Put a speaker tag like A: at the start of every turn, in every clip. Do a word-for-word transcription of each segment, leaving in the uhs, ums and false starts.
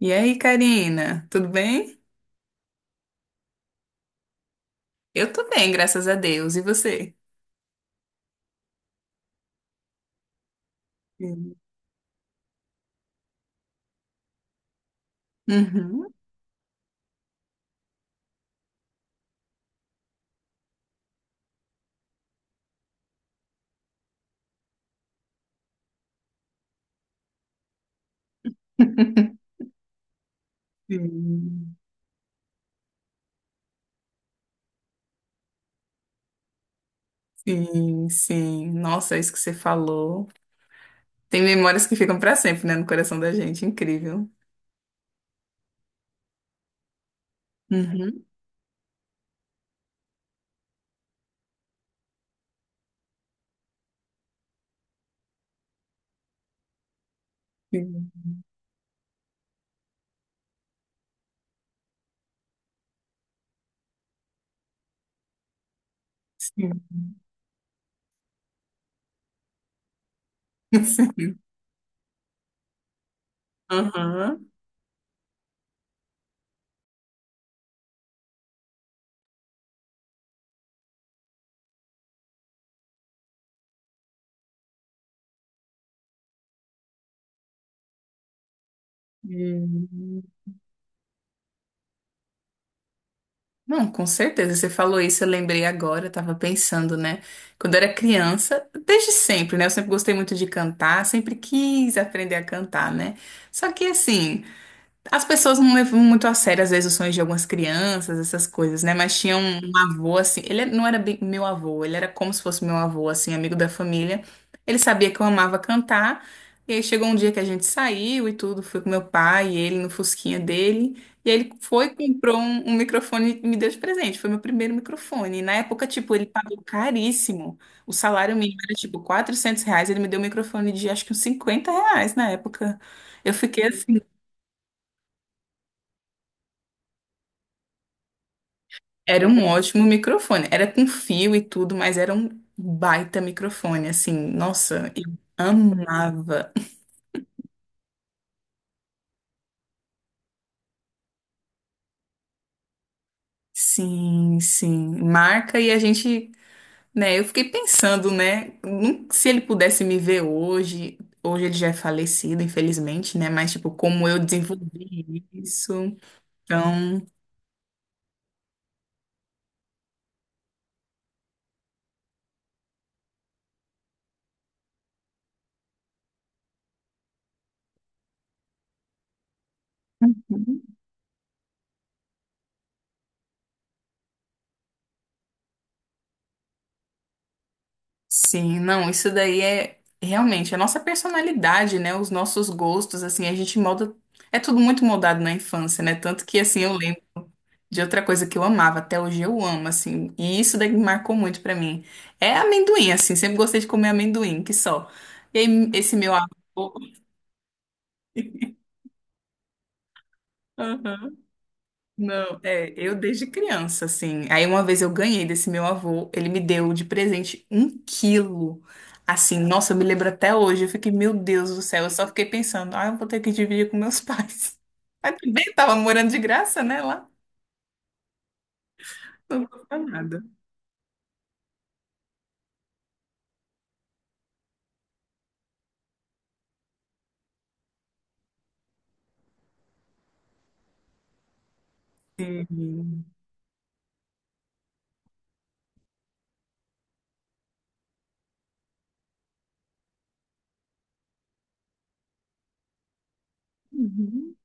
A: E aí, Karina, tudo bem? Eu tô bem, graças a Deus. E você? Sim. Uhum. Sim, sim, sim. Nossa, é isso que você falou. Tem memórias que ficam pra sempre, né, no coração da gente. Incrível. Uhum. Sim, sim. Sim. Aham. Sim. Não, com certeza. Você falou isso, eu lembrei agora, eu tava pensando, né? Quando eu era criança, desde sempre, né? Eu sempre gostei muito de cantar, sempre quis aprender a cantar, né? Só que assim. As pessoas não levam muito a sério, às vezes, os sonhos de algumas crianças, essas coisas, né? Mas tinha um, um avô, assim, ele não era bem meu avô, ele era como se fosse meu avô, assim, amigo da família. Ele sabia que eu amava cantar, e aí chegou um dia que a gente saiu e tudo, fui com meu pai e ele no fusquinha dele, e aí ele foi, e comprou um, um microfone e me deu de presente, foi meu primeiro microfone. E na época, tipo, ele pagou caríssimo, o salário mínimo era, tipo, quatrocentos reais, ele me deu um microfone de, acho que uns cinquenta reais na época. Eu fiquei assim. Era um ótimo microfone. Era com fio e tudo, mas era um baita microfone, assim. Nossa, eu amava. Sim, sim. Marca e a gente, né? Eu fiquei pensando, né? num- Se ele pudesse me ver hoje, hoje ele já é falecido, infelizmente, né? Mas, tipo, como eu desenvolvi isso. Então. Sim, não, isso daí é realmente a nossa personalidade, né? Os nossos gostos, assim, a gente molda. É tudo muito moldado na infância, né? Tanto que, assim, eu lembro de outra coisa que eu amava, até hoje eu amo, assim, e isso daí marcou muito pra mim. É amendoim, assim, sempre gostei de comer amendoim, que só. E aí, esse meu avô. Não, é, eu desde criança, assim. Aí uma vez eu ganhei desse meu avô, ele me deu de presente um quilo. Assim, nossa, eu me lembro até hoje. Eu fiquei, meu Deus do céu, eu só fiquei pensando, ah, eu vou ter que dividir com meus pais. Mas também tava morando de graça, né, lá. Não custa nada. Sim. Uhum.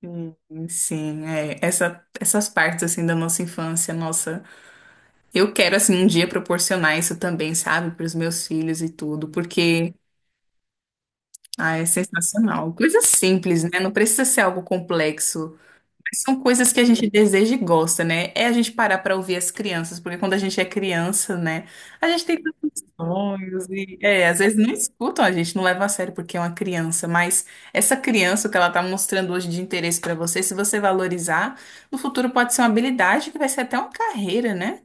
A: Sim, sim, é. Essa, essas partes, assim, da nossa infância, nossa. Eu quero, assim, um dia proporcionar isso também, sabe, para os meus filhos e tudo, porque. Ah, é sensacional. Coisa simples, né? Não precisa ser algo complexo. Mas são coisas que a gente deseja e gosta, né? É a gente parar para ouvir as crianças, porque quando a gente é criança, né? A gente tem tantos sonhos e, é, às vezes não escutam a gente, não leva a sério porque é uma criança, mas essa criança, o que ela tá mostrando hoje de interesse para você, se você valorizar, no futuro pode ser uma habilidade que vai ser até uma carreira, né?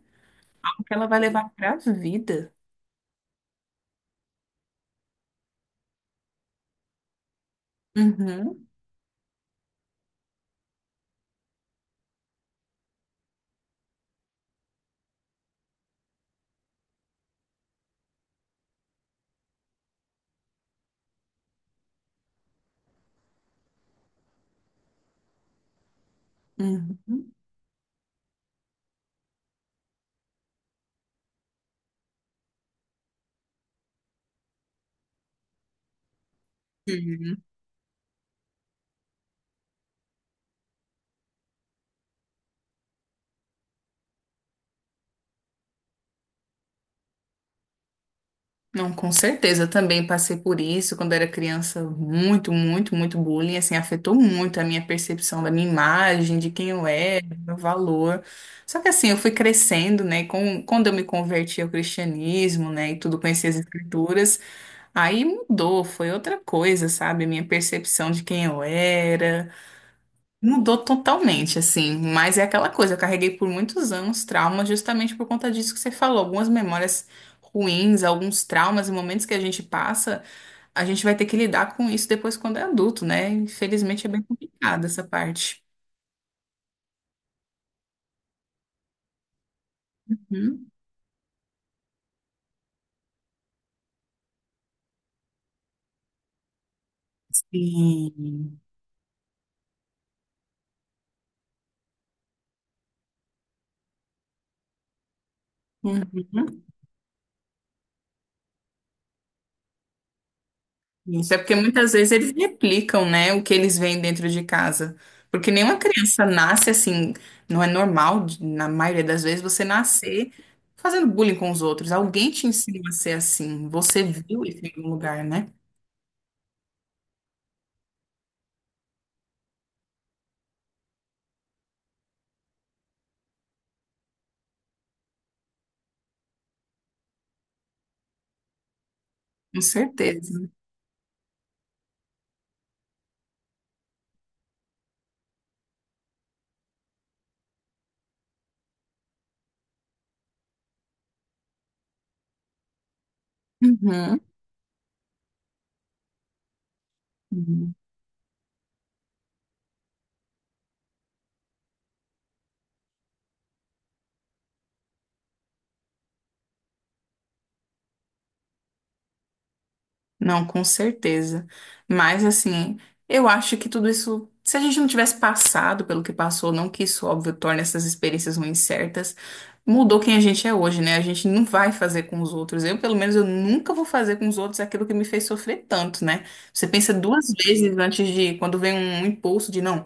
A: Que ela vai levar para a vida. Uhum, uhum. Não, com certeza. Eu também passei por isso quando era criança. Muito, muito, muito bullying. Assim, afetou muito a minha percepção da minha imagem, de quem eu era, do meu valor. Só que assim, eu fui crescendo, né? Com, quando eu me converti ao cristianismo, né? E tudo, conheci as escrituras. Aí mudou, foi outra coisa, sabe? Minha percepção de quem eu era. Mudou totalmente, assim, mas é aquela coisa, eu carreguei por muitos anos traumas justamente por conta disso que você falou, algumas memórias ruins, alguns traumas e momentos que a gente passa, a gente vai ter que lidar com isso depois quando é adulto, né? Infelizmente é bem complicada essa parte. Uhum. Sim. Uhum. Isso é porque muitas vezes eles replicam, né, o que eles veem dentro de casa. Porque nenhuma criança nasce assim, não é normal, de- na maioria das vezes, você nascer fazendo bullying com os outros. Alguém te ensina a ser assim. Você viu isso em algum lugar, né? Com certeza. Uhum. Uhum. Não, com certeza. Mas assim, eu acho que tudo isso, se a gente não tivesse passado pelo que passou, não que isso, óbvio, torne essas experiências ruins certas, mudou quem a gente é hoje, né? A gente não vai fazer com os outros. Eu, pelo menos, eu nunca vou fazer com os outros aquilo que me fez sofrer tanto, né? Você pensa duas vezes antes de, quando vem um impulso de, não,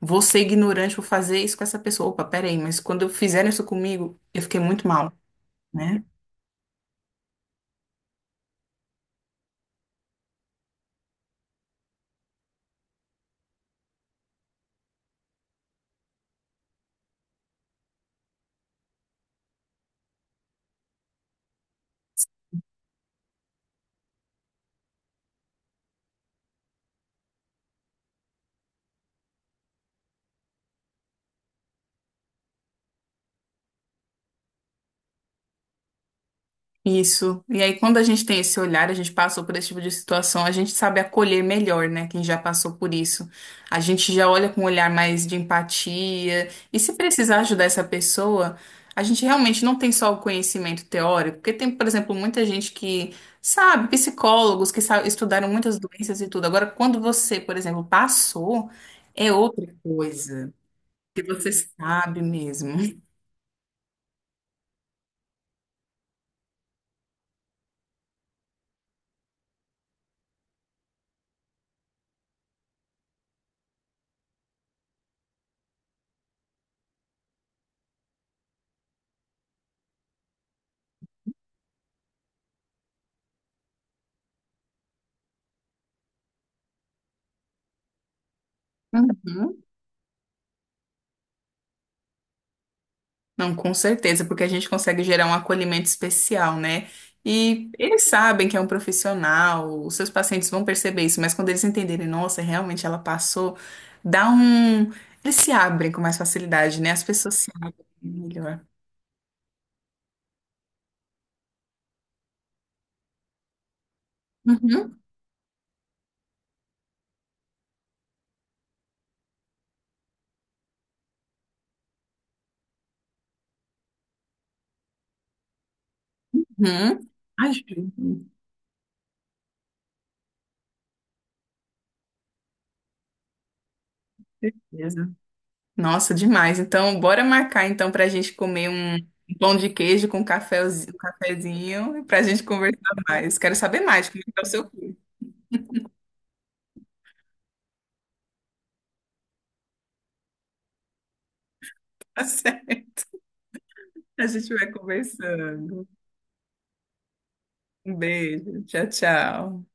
A: vou ser ignorante, vou fazer isso com essa pessoa. Opa, peraí, mas quando fizeram isso comigo, eu fiquei muito mal, né? Isso. E aí, quando a gente tem esse olhar, a gente passou por esse tipo de situação, a gente sabe acolher melhor, né? Quem já passou por isso. A gente já olha com um olhar mais de empatia. E se precisar ajudar essa pessoa, a gente realmente não tem só o conhecimento teórico, porque tem, por exemplo, muita gente que sabe, psicólogos que sa- estudaram muitas doenças e tudo. Agora, quando você, por exemplo, passou, é outra coisa que você sabe mesmo. Não, com certeza, porque a gente consegue gerar um acolhimento especial, né? E eles sabem que é um profissional, os seus pacientes vão perceber isso, mas quando eles entenderem, nossa, realmente ela passou, dá um. Eles se abrem com mais facilidade, né? As pessoas se abrem melhor. Uhum, uhum. Ajuda, com certeza. Nossa, demais. Então, bora marcar então para a gente comer um pão de queijo com um cafezinho, um cafezinho, pra gente conversar mais. Quero saber mais como é que tá o seu curso. Tá certo. A gente vai conversando. Um beijo. Tchau, tchau.